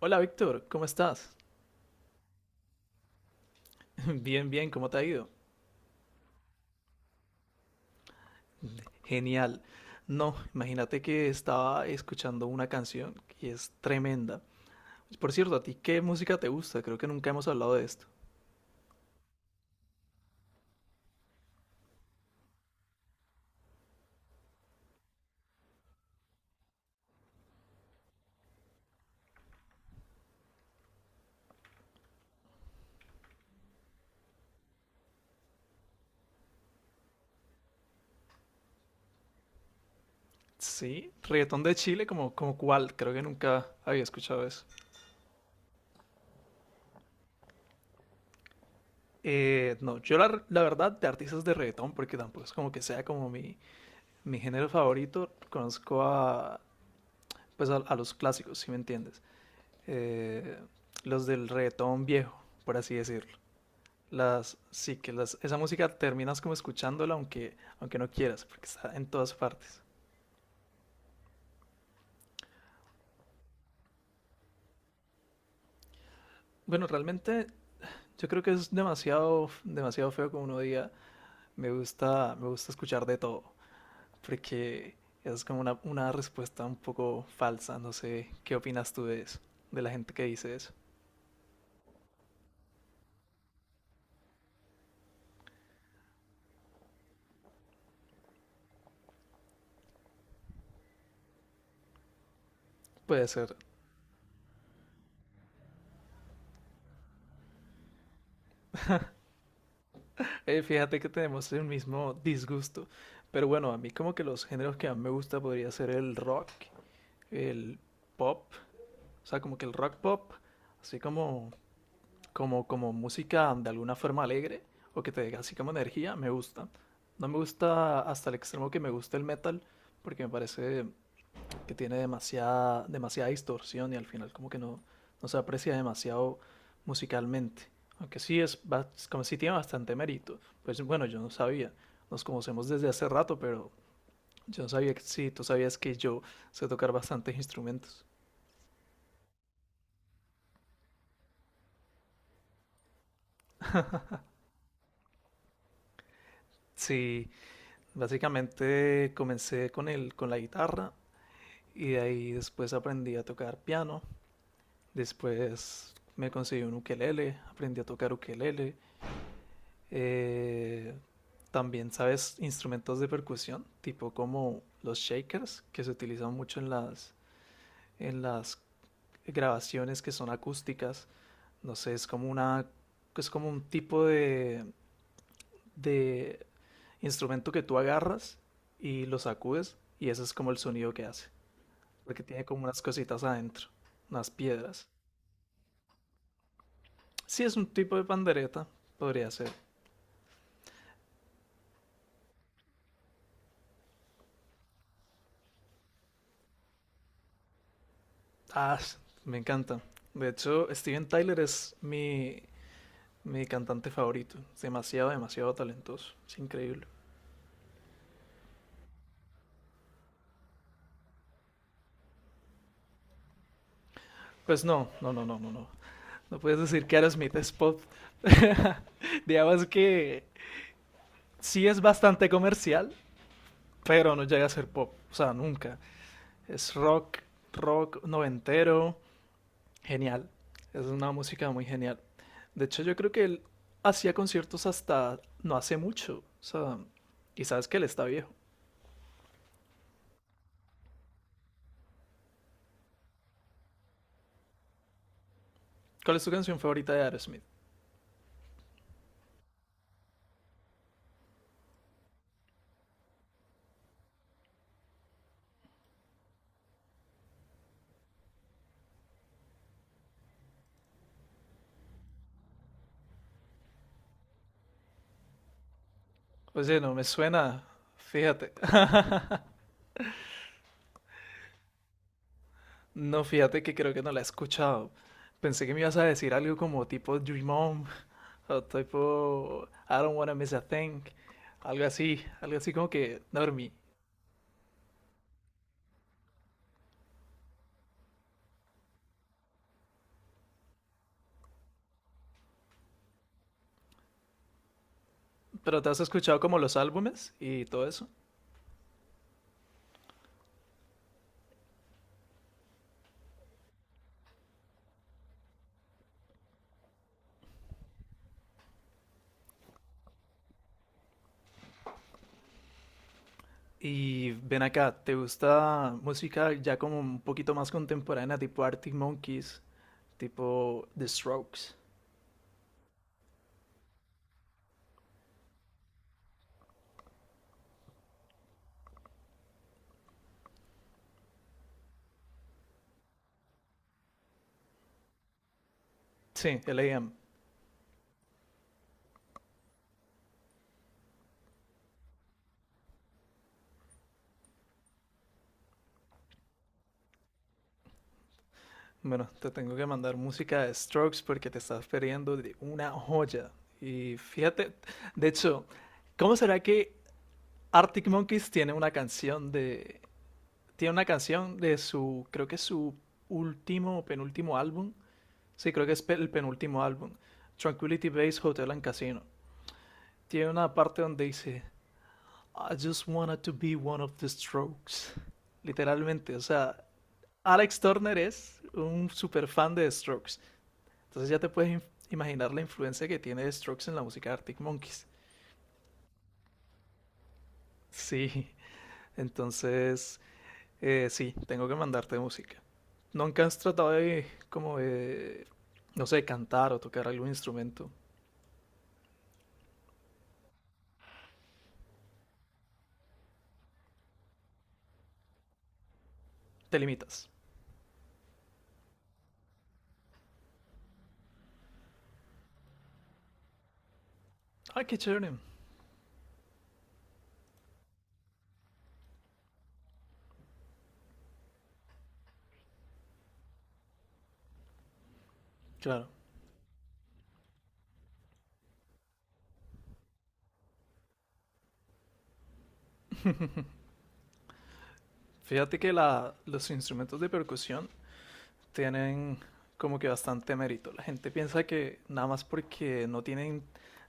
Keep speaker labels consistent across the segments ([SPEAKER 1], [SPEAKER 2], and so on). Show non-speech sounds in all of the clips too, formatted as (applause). [SPEAKER 1] Hola Víctor, ¿cómo estás? (laughs) Bien, bien, ¿cómo te ha ido? Genial. No, imagínate que estaba escuchando una canción que es tremenda. Por cierto, ¿a ti qué música te gusta? Creo que nunca hemos hablado de esto. Sí, reggaetón de Chile, como, como cuál, creo que nunca había escuchado eso. No, yo la verdad de artistas de reggaetón, porque tampoco es como que sea como mi género favorito, conozco a, pues a los clásicos, si me entiendes. Eh, los del reggaetón viejo, por así decirlo. Las, sí, que las, esa música terminas como escuchándola aunque no quieras, porque está en todas partes. Bueno, realmente yo creo que es demasiado, demasiado feo como uno diga, me gusta escuchar de todo, porque es como una respuesta un poco falsa, no sé, ¿qué opinas tú de eso? De la gente que dice eso. Puede ser. Fíjate que tenemos el mismo disgusto, pero bueno, a mí como que los géneros que más me gusta podría ser el rock, el pop. O sea, como que el rock pop, así como, como, como música de alguna forma alegre o que te dé así como energía, me gusta. No me gusta hasta el extremo que me gusta el metal porque me parece que tiene demasiada, demasiada distorsión y al final como que no, no se aprecia demasiado musicalmente. Aunque sí es, es como si tiene bastante mérito. Pues bueno, yo no sabía. Nos conocemos desde hace rato, pero yo no sabía que sí, tú sabías que yo sé tocar bastantes instrumentos. Sí, básicamente comencé con con la guitarra y de ahí después aprendí a tocar piano. Después me conseguí un ukelele, aprendí a tocar ukelele. Eh, También sabes instrumentos de percusión, tipo como los shakers, que se utilizan mucho en en las grabaciones que son acústicas. No sé, es como una, es como un tipo de instrumento que tú agarras y lo sacudes y ese es como el sonido que hace. Porque tiene como unas cositas adentro, unas piedras. Sí, es un tipo de pandereta, podría ser. Ah, me encanta. De hecho, Steven Tyler es mi cantante favorito. Es demasiado, demasiado talentoso. Es increíble. Pues no, no, no, no, no, no. No puedes decir que Aerosmith es pop. (laughs) Digamos que sí es bastante comercial, pero no llega a ser pop. O sea, nunca. Es rock, rock noventero. Genial. Es una música muy genial. De hecho, yo creo que él hacía conciertos hasta no hace mucho. O sea, y sabes que él está viejo. ¿Cuál es tu canción favorita de Aerosmith? Oye, no me suena. Fíjate. (laughs) No, fíjate que creo que no la he escuchado. Pensé que me ibas a decir algo como tipo Dream On o tipo I don't wanna miss a thing. Algo así como que dormí. Pero te has escuchado como los álbumes y todo eso. Y ven acá, ¿te gusta música ya como un poquito más contemporánea, tipo Arctic Monkeys, tipo The Strokes? Sí, L.A.M. Bueno, te tengo que mandar música de Strokes porque te estás perdiendo de una joya. Y fíjate, de hecho, ¿cómo será que Arctic Monkeys tiene una canción de... Tiene una canción de su, creo que es su último o penúltimo álbum. Sí, creo que es el penúltimo álbum. Tranquility Base Hotel and Casino. Tiene una parte donde dice... I just wanted to be one of the Strokes. Literalmente, o sea, Alex Turner es un super fan de Strokes. Entonces ya te puedes imaginar la influencia que tiene Strokes en la música de Arctic Monkeys. Sí, entonces sí, tengo que mandarte música. ¿Nunca has tratado de, como de, no sé, cantar o tocar algún instrumento? Te limitas. Ay, qué chévere. Claro. Fíjate que los instrumentos de percusión tienen como que bastante mérito. La gente piensa que nada más porque no tienen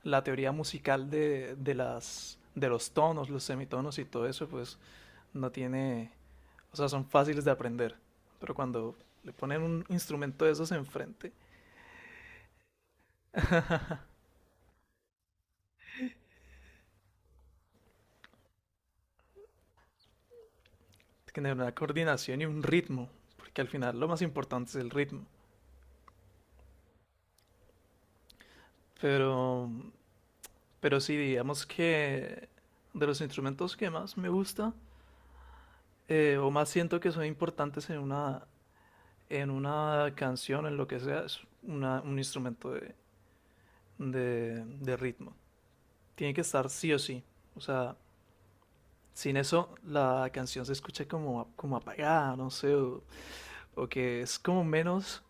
[SPEAKER 1] la teoría musical de las de los tonos, los semitonos y todo eso, pues no tiene, o sea, son fáciles de aprender. Pero cuando le ponen un instrumento de esos enfrente, tiene una coordinación y un ritmo, porque al final lo más importante es el ritmo. Pero, pero sí, digamos que de los instrumentos que más me gusta o más siento que son importantes en una canción, en lo que sea, es un instrumento de, de ritmo. Tiene que estar sí o sí. O sea, sin eso la canción se escucha como, como apagada, no sé, o que es como menos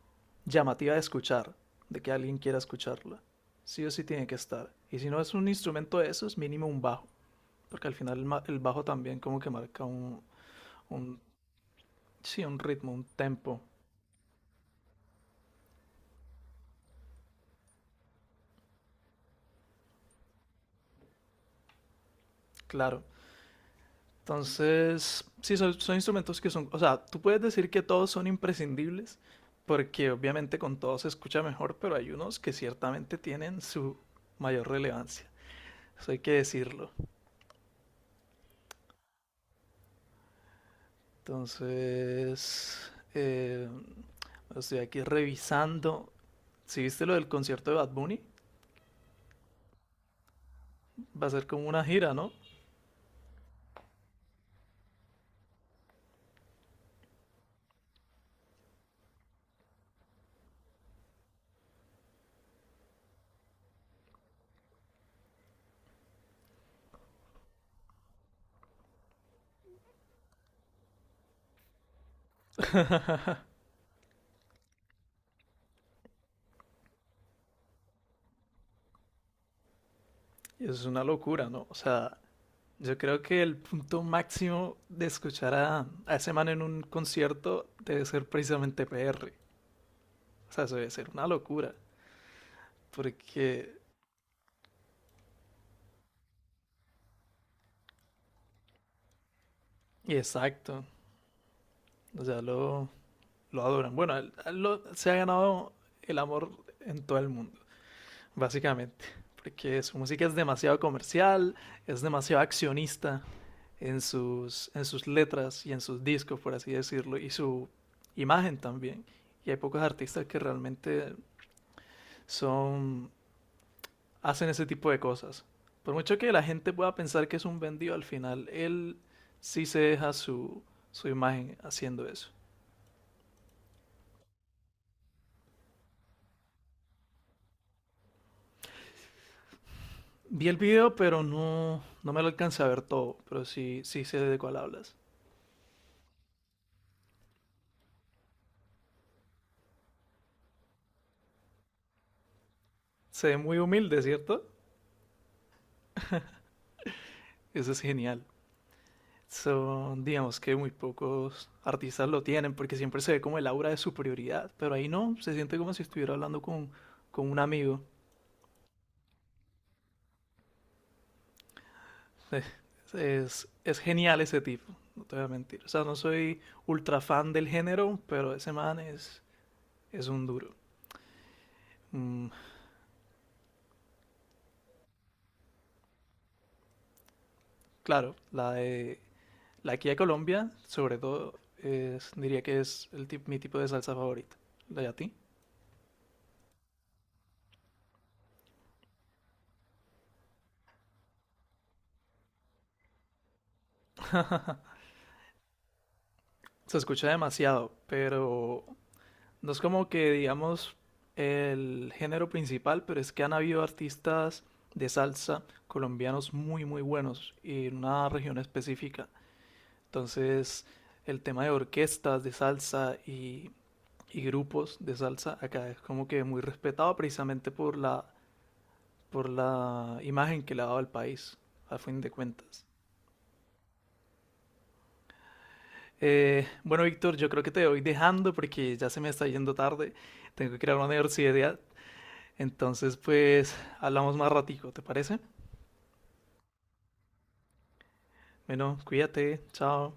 [SPEAKER 1] llamativa de escuchar, de que alguien quiera escucharla. Sí o sí tiene que estar. Y si no es un instrumento de esos mínimo un bajo. Porque al final el, el bajo también como que marca un, sí, un ritmo, un tempo, claro. Entonces, sí, son, son instrumentos que son, o sea, tú puedes decir que todos son imprescindibles, porque obviamente con todos se escucha mejor, pero hay unos que ciertamente tienen su mayor relevancia, eso hay que decirlo. Entonces, estoy aquí revisando, si viste lo del concierto de Bad Bunny, va a ser como una gira, ¿no? Y eso es una locura, ¿no? O sea, yo creo que el punto máximo de escuchar a ese man en un concierto debe ser precisamente PR. O sea, eso debe ser una locura. Porque, y exacto, o sea, lo adoran. Bueno, a él se ha ganado el amor en todo el mundo, básicamente. Porque su música es demasiado comercial, es demasiado accionista en sus letras y en sus discos, por así decirlo, y su imagen también. Y hay pocos artistas que realmente son, hacen ese tipo de cosas. Por mucho que la gente pueda pensar que es un vendido, al final él sí se deja su, su imagen haciendo eso. Vi el video, pero no, no me lo alcancé a ver todo, pero sí, sí sé de cuál hablas. Se ve muy humilde, ¿cierto? Eso es genial. Son, digamos que muy pocos artistas lo tienen, porque siempre se ve como el aura de superioridad, pero ahí no, se siente como si estuviera hablando con un amigo. Es genial ese tipo, no te voy a mentir. O sea, no soy ultra fan del género, pero ese man es un duro. Mm, claro, la de la aquí de Colombia, sobre todo, diría que es el mi tipo de salsa favorita. ¿La de a ti? Se escucha demasiado, pero no es como que digamos el género principal, pero es que han habido artistas de salsa colombianos muy muy buenos y en una región específica. Entonces, el tema de orquestas de salsa y grupos de salsa acá es como que muy respetado precisamente por por la imagen que le ha dado al país, al fin de cuentas. Bueno, Víctor, yo creo que te voy dejando porque ya se me está yendo tarde. Tengo que ir a la universidad. Entonces, pues, hablamos más ratico, ¿te parece? Bueno, cuídate, chao.